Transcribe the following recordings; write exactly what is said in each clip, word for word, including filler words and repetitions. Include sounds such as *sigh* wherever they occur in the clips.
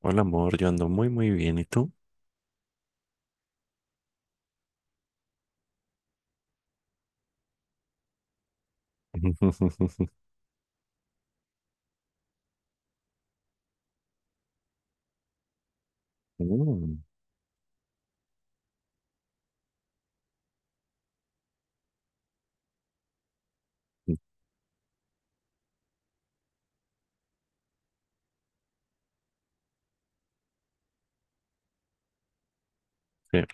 Hola amor, yo ando muy muy bien, ¿y tú? *laughs* Mm, sí.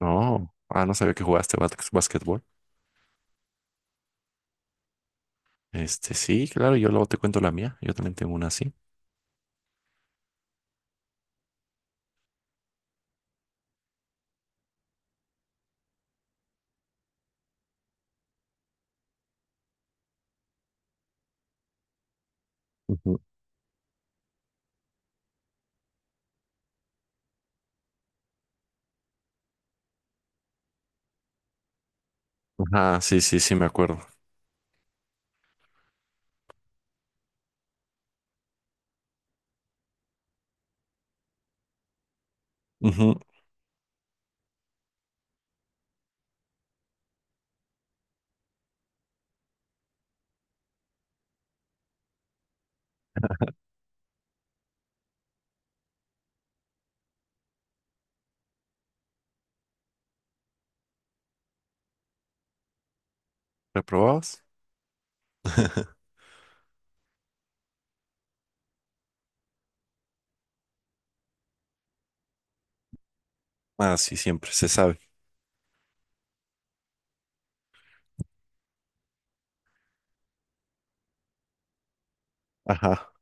No, ah, no sabía que jugaste bas- básquetbol. Este, sí, claro, yo luego te cuento la mía, yo también tengo una así. Ujú. Ah, sí, sí, sí, me acuerdo. Ujú. ¿Reprobabas? *laughs* Ah, sí, siempre, se sabe. Ajá,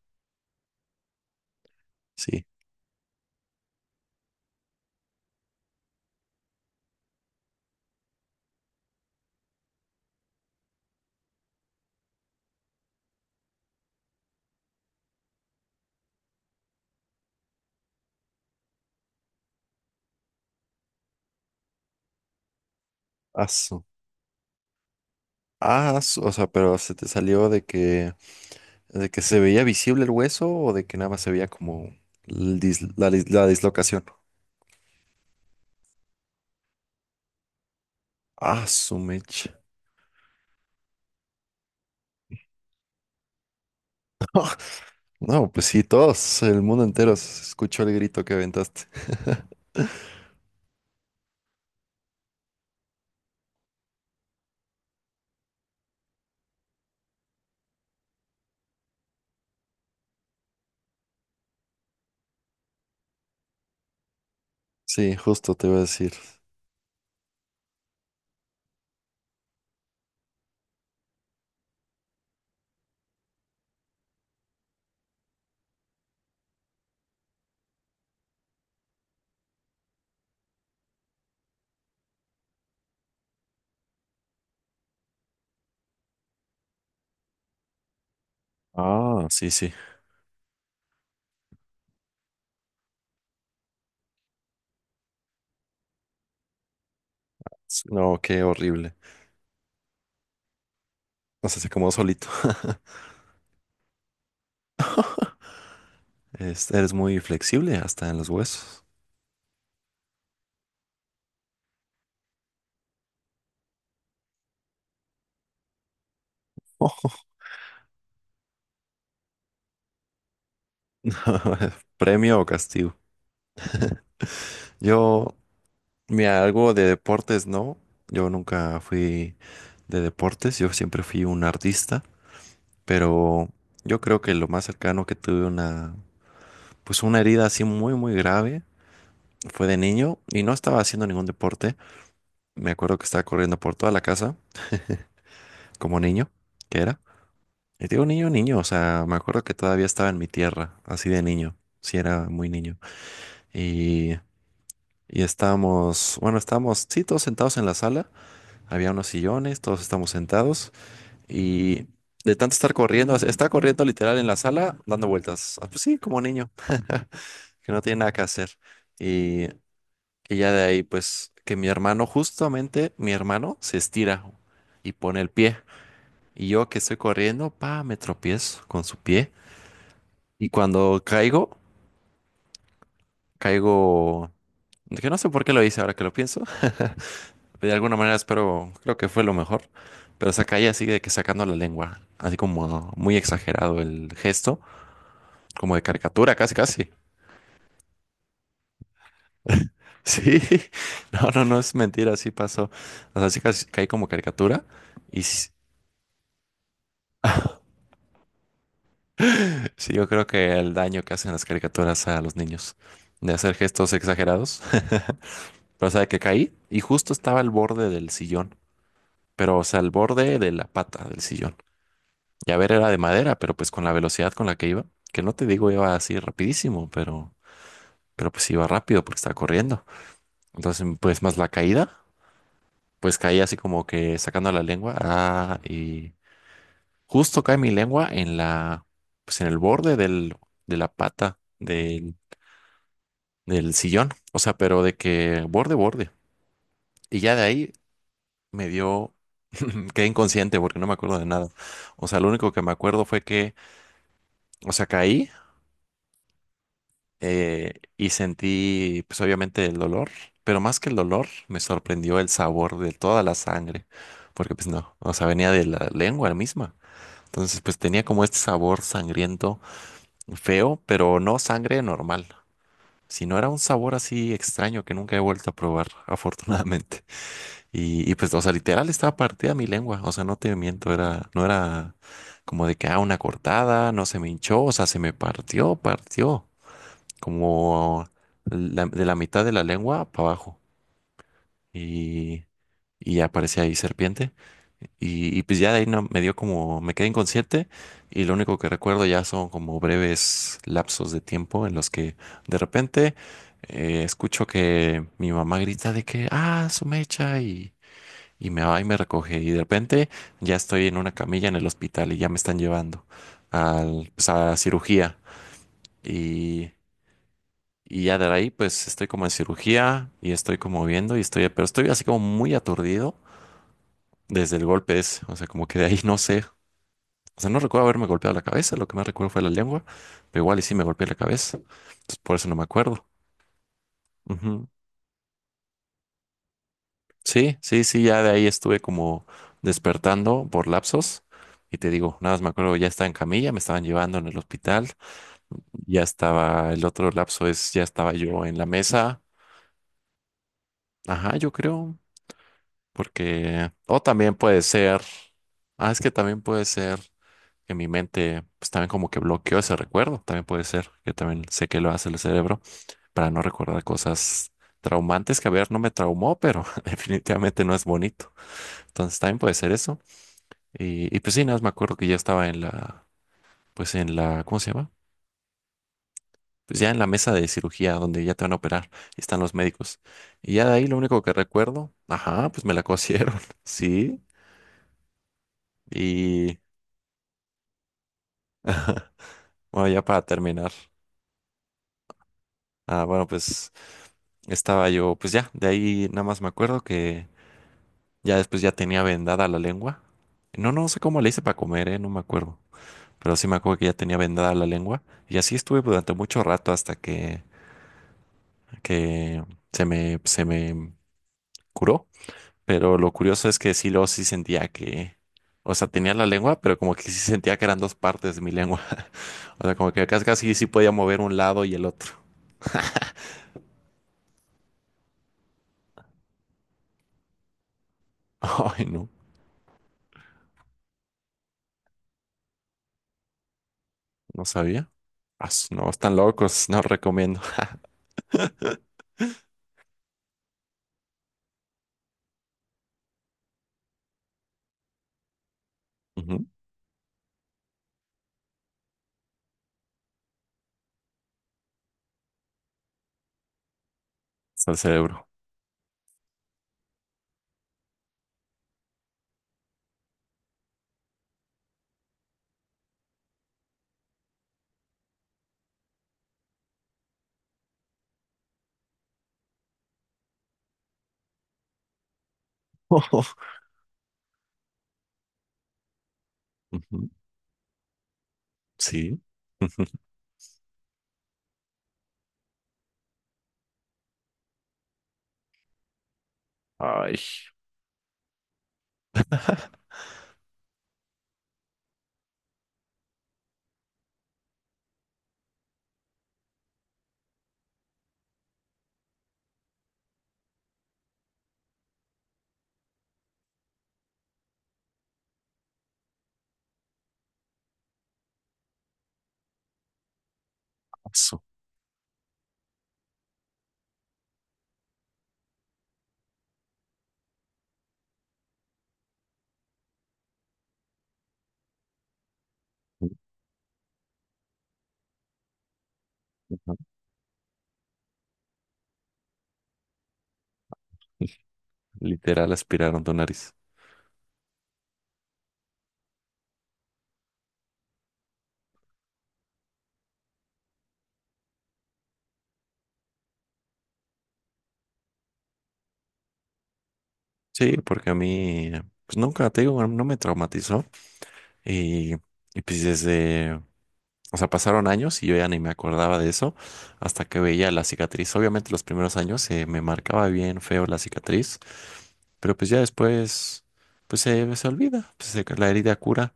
sí. Aso. Ah, aso, o sea, pero se te salió de que, de que se veía visible el hueso o de que nada más se veía como el dis- la, dis- la dislocación. Ah, su mecha. No, pues sí, todos, el mundo entero s- escuchó el grito que aventaste. *laughs* Sí, justo te iba a decir. Ah, sí, sí. S- No, qué horrible. O sea, se acomodó solito. *laughs* Es- eres muy flexible hasta en los huesos. *laughs* Premio o castigo. Yo, mira, algo de deportes, no. Yo nunca fui de deportes. Yo siempre fui un artista, pero yo creo que lo más cercano que tuve una, pues una herida así muy, muy grave fue de niño y no estaba haciendo ningún deporte. Me acuerdo que estaba corriendo por toda la casa como niño, que era. Y digo niño, niño, o sea, me acuerdo que todavía estaba en mi tierra, así de niño, sí era muy niño. Y, y estábamos, bueno, estábamos, sí, todos sentados en la sala, había unos sillones, todos estábamos sentados y de tanto estar corriendo, o sea, estaba corriendo literal en la sala, dando vueltas. Ah, pues sí, como niño, *laughs* que no tiene nada que hacer. Y Y ya de ahí, pues, que mi hermano, justamente mi hermano, se estira y pone el pie. Y yo que estoy corriendo, pa, me tropiezo con su pie. Y cuando caigo, caigo... Que no sé por qué lo hice ahora que lo pienso. *laughs* De alguna manera espero, creo que fue lo mejor. Pero se caía así de que sacando la lengua. Así como muy exagerado el gesto. Como de caricatura, casi, casi. *laughs* Sí. No, no, no es mentira, así pasó. O sea, sí casi caí como caricatura. Y, s- Sí, yo creo que el daño que hacen las caricaturas a los niños de hacer gestos exagerados. *laughs* Pero, o sea, que caí y justo estaba al borde del sillón, pero, o sea, al borde de la pata del sillón. Y a ver, era de madera, pero pues con la velocidad con la que iba, que no te digo iba así rapidísimo, pero, pero pues iba rápido porque estaba corriendo. Entonces, pues más la caída, pues caí así como que sacando la lengua. Ah, y justo cae mi lengua en la, pues en el borde del, de la pata del sillón, o sea, pero de que borde, borde. Y ya de ahí me dio, *laughs* quedé inconsciente porque no me acuerdo de nada. O sea, lo único que me acuerdo fue que, o sea, caí eh, y sentí, pues obviamente el dolor, pero más que el dolor, me sorprendió el sabor de toda la sangre, porque pues no, o sea, venía de la lengua misma. Entonces, pues tenía como este sabor sangriento, feo, pero no sangre normal, sino era un sabor así extraño que nunca he vuelto a probar, *laughs* afortunadamente. Y, y pues, o sea, literal estaba partida mi lengua, o sea, no te miento, era, no era como de que, ah, una cortada, no se me hinchó, o sea, se me partió, partió, como la- de la mitad de la lengua para abajo. Y, y ya aparecía ahí serpiente. Y, y pues ya de ahí no, me dio como, me quedé inconsciente y lo único que recuerdo ya son como breves lapsos de tiempo en los que de repente eh, escucho que mi mamá grita de que, ah, su mecha y... Y me va y me recoge. Y de repente ya estoy en una camilla en el hospital y ya me están llevando al, pues, a cirugía. Y, y ya de ahí pues estoy como en cirugía y estoy como viendo y estoy, pero estoy así como muy aturdido desde el golpe ese. O sea, como que de ahí no sé. O sea, no recuerdo haberme golpeado la cabeza, lo que más recuerdo fue la lengua, pero igual y sí me golpeé la cabeza. Entonces por eso no me acuerdo. Ujú. Sí, sí, sí, ya de ahí estuve como despertando por lapsos. Y te digo, nada más me acuerdo, ya estaba en camilla, me estaban llevando en el hospital. Ya estaba, el otro lapso es, ya estaba yo en la mesa. Ajá, yo creo, porque, o también puede ser, ah, es que también puede ser que mi mente, pues también como que bloqueó ese recuerdo. También puede ser, que también sé que lo hace el cerebro para no recordar cosas traumantes que, a ver, no me traumó, pero *laughs* definitivamente no es bonito. Entonces también puede ser eso. Y, y pues sí, nada más me acuerdo que ya estaba en la, pues en la, ¿cómo se llama? Pues ya en la mesa de cirugía donde ya te van a operar y están los médicos. Y ya de ahí lo único que recuerdo, ajá, pues me la cosieron, *laughs* sí. Y bueno, ya para terminar, ah, bueno, pues estaba yo, pues ya, de ahí nada más me acuerdo que ya después ya tenía vendada la lengua. No, no sé cómo le hice para comer, eh, no me acuerdo. Pero sí me acuerdo que ya tenía vendada la lengua. Y así estuve durante mucho rato hasta que que se me, se me curó. Pero lo curioso es que sí, luego sí sentía que, o sea, tenía la lengua, pero como que sí sentía que eran dos partes de mi lengua. *laughs* O sea, como que casi casi sí podía mover un lado y el otro. *laughs* Ay, no, no sabía. Ah, su- No, están locos, no recomiendo. *laughs* Ujú. Está el cerebro. *laughs* Ujú. Sí. *laughs* Ay, eso. Literal aspiraron tu nariz. Sí, porque a mí, pues nunca te digo, no me traumatizó. Y, y pues desde, o sea, pasaron años y yo ya ni me acordaba de eso hasta que veía la cicatriz. Obviamente los primeros años eh, me marcaba bien feo la cicatriz, pero pues ya después, pues se, se olvida, pues se- la herida cura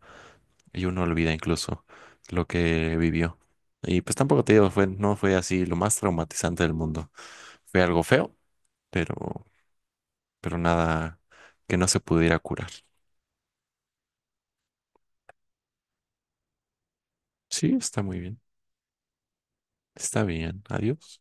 y uno olvida incluso lo que vivió. Y pues tampoco te digo, fue, no fue así lo más traumatizante del mundo. Fue algo feo, pero, pero nada que no se pudiera curar. Sí, está muy bien. Está bien. Adiós.